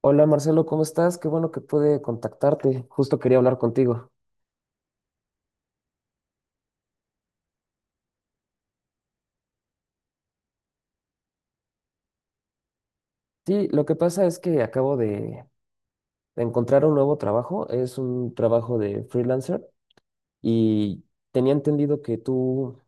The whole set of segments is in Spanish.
Hola Marcelo, ¿cómo estás? Qué bueno que pude contactarte. Justo quería hablar contigo. Sí, lo que pasa es que acabo de encontrar un nuevo trabajo. Es un trabajo de freelancer y tenía entendido que tú,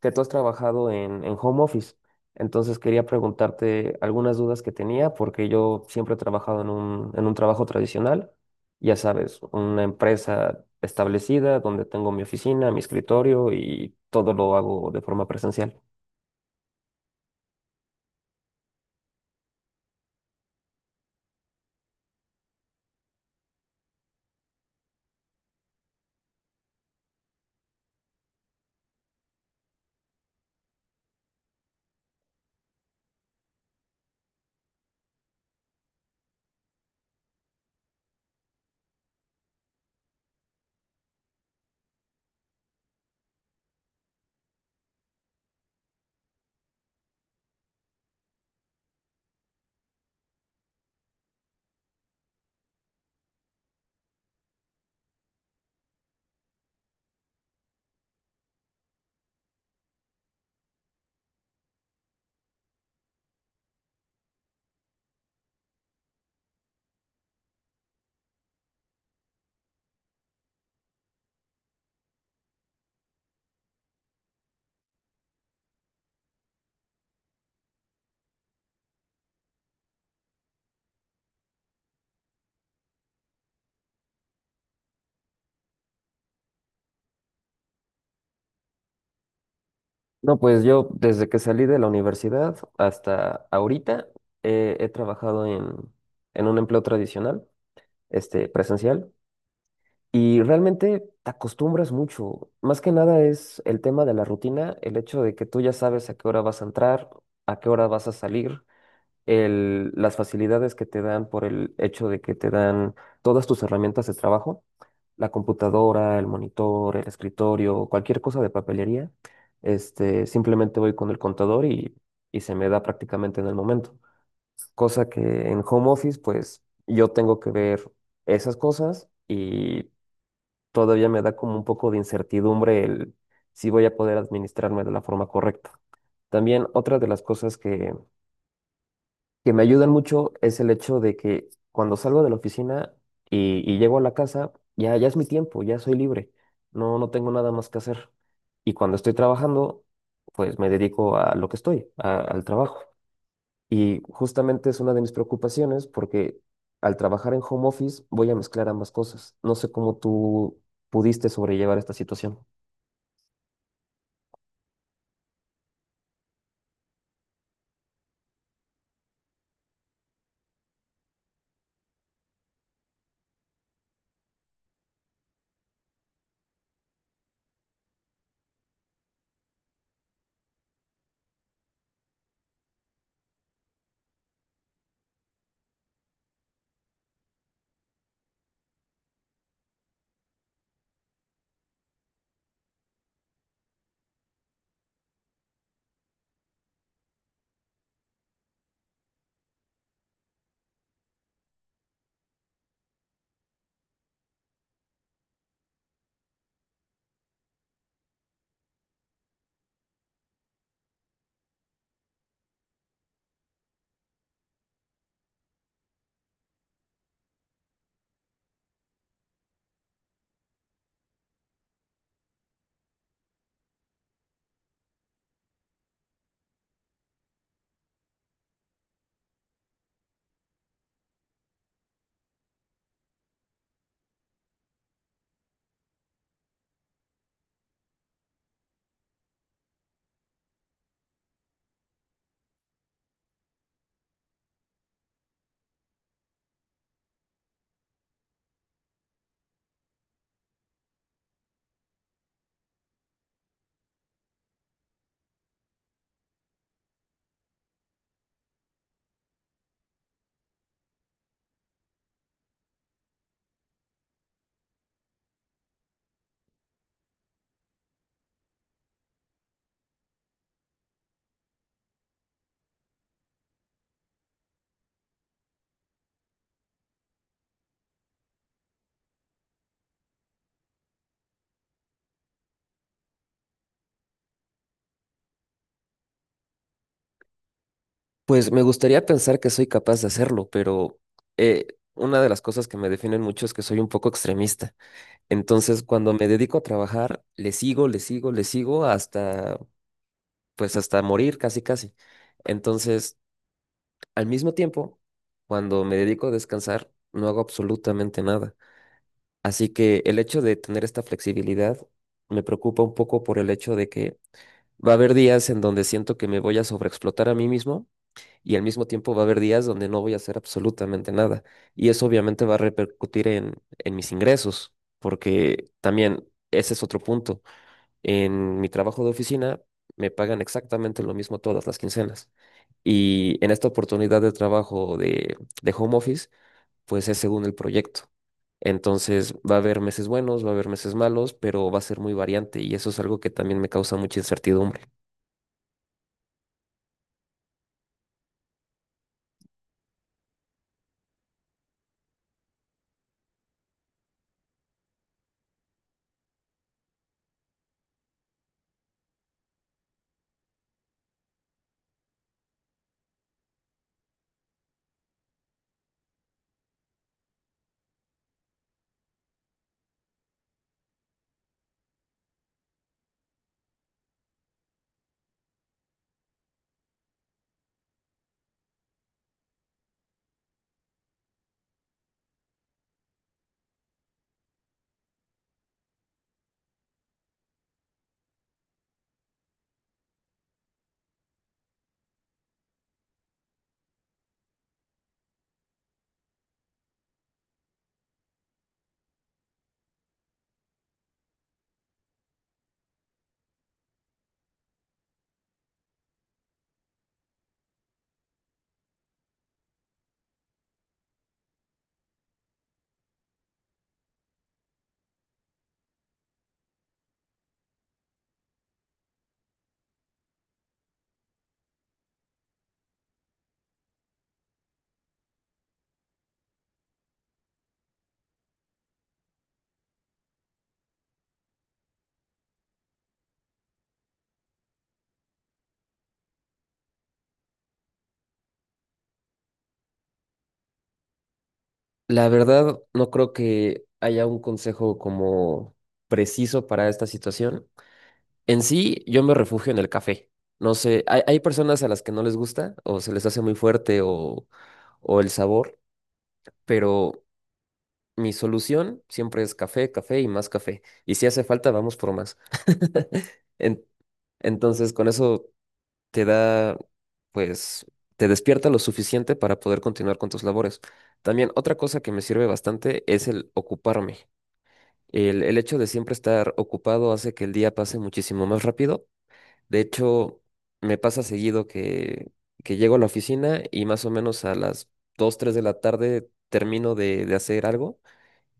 que tú has trabajado en home office. Entonces quería preguntarte algunas dudas que tenía porque yo siempre he trabajado en un trabajo tradicional. Ya sabes, una empresa establecida donde tengo mi oficina, mi escritorio y todo lo hago de forma presencial. No, pues yo desde que salí de la universidad hasta ahorita he trabajado en un empleo tradicional, presencial, y realmente te acostumbras mucho. Más que nada es el tema de la rutina, el hecho de que tú ya sabes a qué hora vas a entrar, a qué hora vas a salir, las facilidades que te dan por el hecho de que te dan todas tus herramientas de trabajo, la computadora, el monitor, el escritorio, cualquier cosa de papelería, simplemente voy con el contador y se me da prácticamente en el momento. Cosa que en home office, pues yo tengo que ver esas cosas y todavía me da como un poco de incertidumbre el si voy a poder administrarme de la forma correcta. También otra de las cosas que me ayudan mucho es el hecho de que cuando salgo de la oficina y llego a la casa, ya, ya es mi tiempo, ya soy libre, no, no tengo nada más que hacer. Y cuando estoy trabajando, pues me dedico a lo que estoy, al trabajo. Y justamente es una de mis preocupaciones porque al trabajar en home office voy a mezclar ambas cosas. No sé cómo tú pudiste sobrellevar esta situación. Pues me gustaría pensar que soy capaz de hacerlo, pero eh, una de las cosas que me definen mucho es que soy un poco extremista. Entonces, cuando me dedico a trabajar, le sigo, le sigo, le sigo hasta, pues hasta morir casi, casi. Entonces, al mismo tiempo, cuando me dedico a descansar, no hago absolutamente nada. Así que el hecho de tener esta flexibilidad me preocupa un poco por el hecho de que va a haber días en donde siento que me voy a sobreexplotar a mí mismo y al mismo tiempo va a haber días donde no voy a hacer absolutamente nada. Y eso obviamente va a repercutir en mis ingresos, porque también ese es otro punto. En mi trabajo de oficina me pagan exactamente lo mismo todas las quincenas. Y en esta oportunidad de trabajo de home office, pues es según el proyecto. Entonces va a haber meses buenos, va a haber meses malos, pero va a ser muy variante y eso es algo que también me causa mucha incertidumbre. La verdad, no creo que haya un consejo como preciso para esta situación. En sí, yo me refugio en el café. No sé, hay personas a las que no les gusta o se les hace muy fuerte o el sabor. Pero mi solución siempre es café, café y más café. Y si hace falta, vamos por más. En- entonces, con eso te da, pues, te despierta lo suficiente para poder continuar con tus labores. También otra cosa que me sirve bastante es el ocuparme. El hecho de siempre estar ocupado hace que el día pase muchísimo más rápido. De hecho, me pasa seguido que llego a la oficina y más o menos a las 2 3 de la tarde termino de hacer algo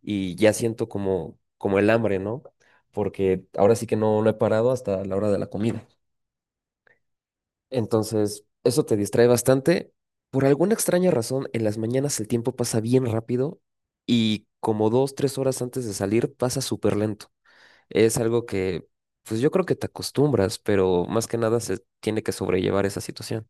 y ya siento como, como el hambre, ¿no? Porque ahora sí que no, no he parado hasta la hora de la comida. Entonces, eso te distrae bastante. Por alguna extraña razón, en las mañanas el tiempo pasa bien rápido y como dos, tres horas antes de salir pasa súper lento. Es algo que, pues yo creo que te acostumbras, pero más que nada se tiene que sobrellevar esa situación.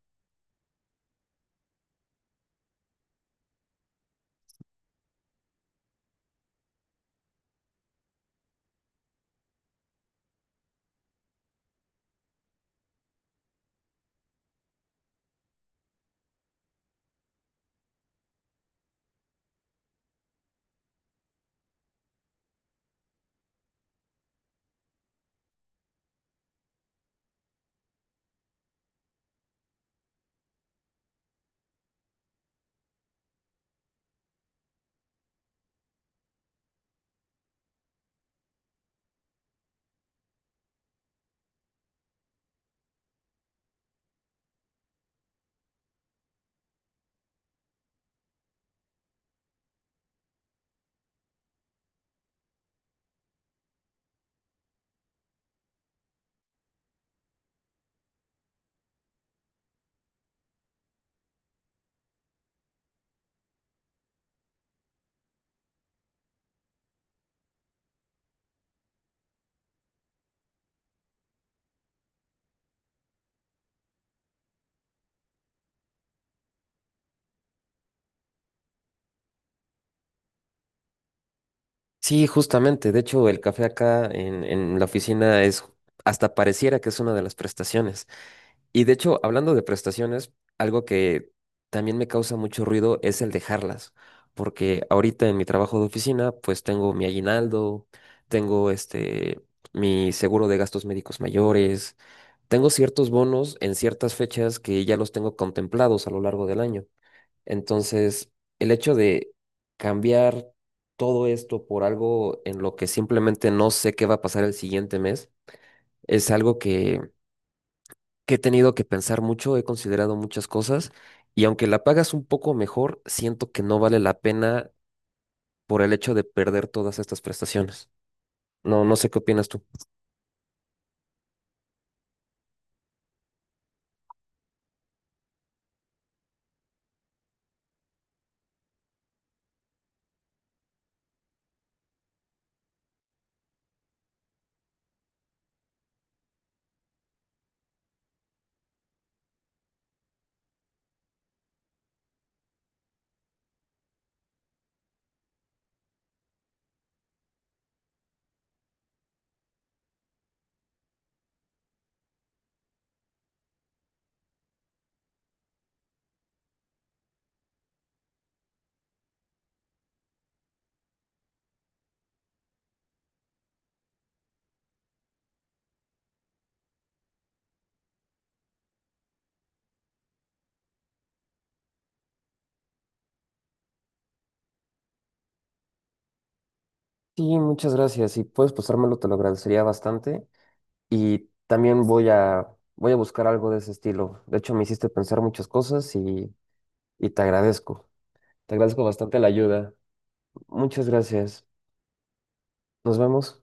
Sí, justamente. De hecho, el café acá en la oficina es, hasta pareciera que es una de las prestaciones. Y de hecho, hablando de prestaciones, algo que también me causa mucho ruido es el dejarlas, porque ahorita en mi trabajo de oficina, pues tengo mi aguinaldo, tengo mi seguro de gastos médicos mayores, tengo ciertos bonos en ciertas fechas que ya los tengo contemplados a lo largo del año. Entonces, el hecho de cambiar todo esto por algo en lo que simplemente no sé qué va a pasar el siguiente mes es algo que he tenido que pensar mucho, he considerado muchas cosas y aunque la pagas un poco mejor, siento que no vale la pena por el hecho de perder todas estas prestaciones. No, no sé qué opinas tú. Sí, muchas gracias. Si puedes pasármelo, te lo agradecería bastante. Y también voy a buscar algo de ese estilo. De hecho, me hiciste pensar muchas cosas y te agradezco. Te agradezco bastante la ayuda. Muchas gracias. Nos vemos.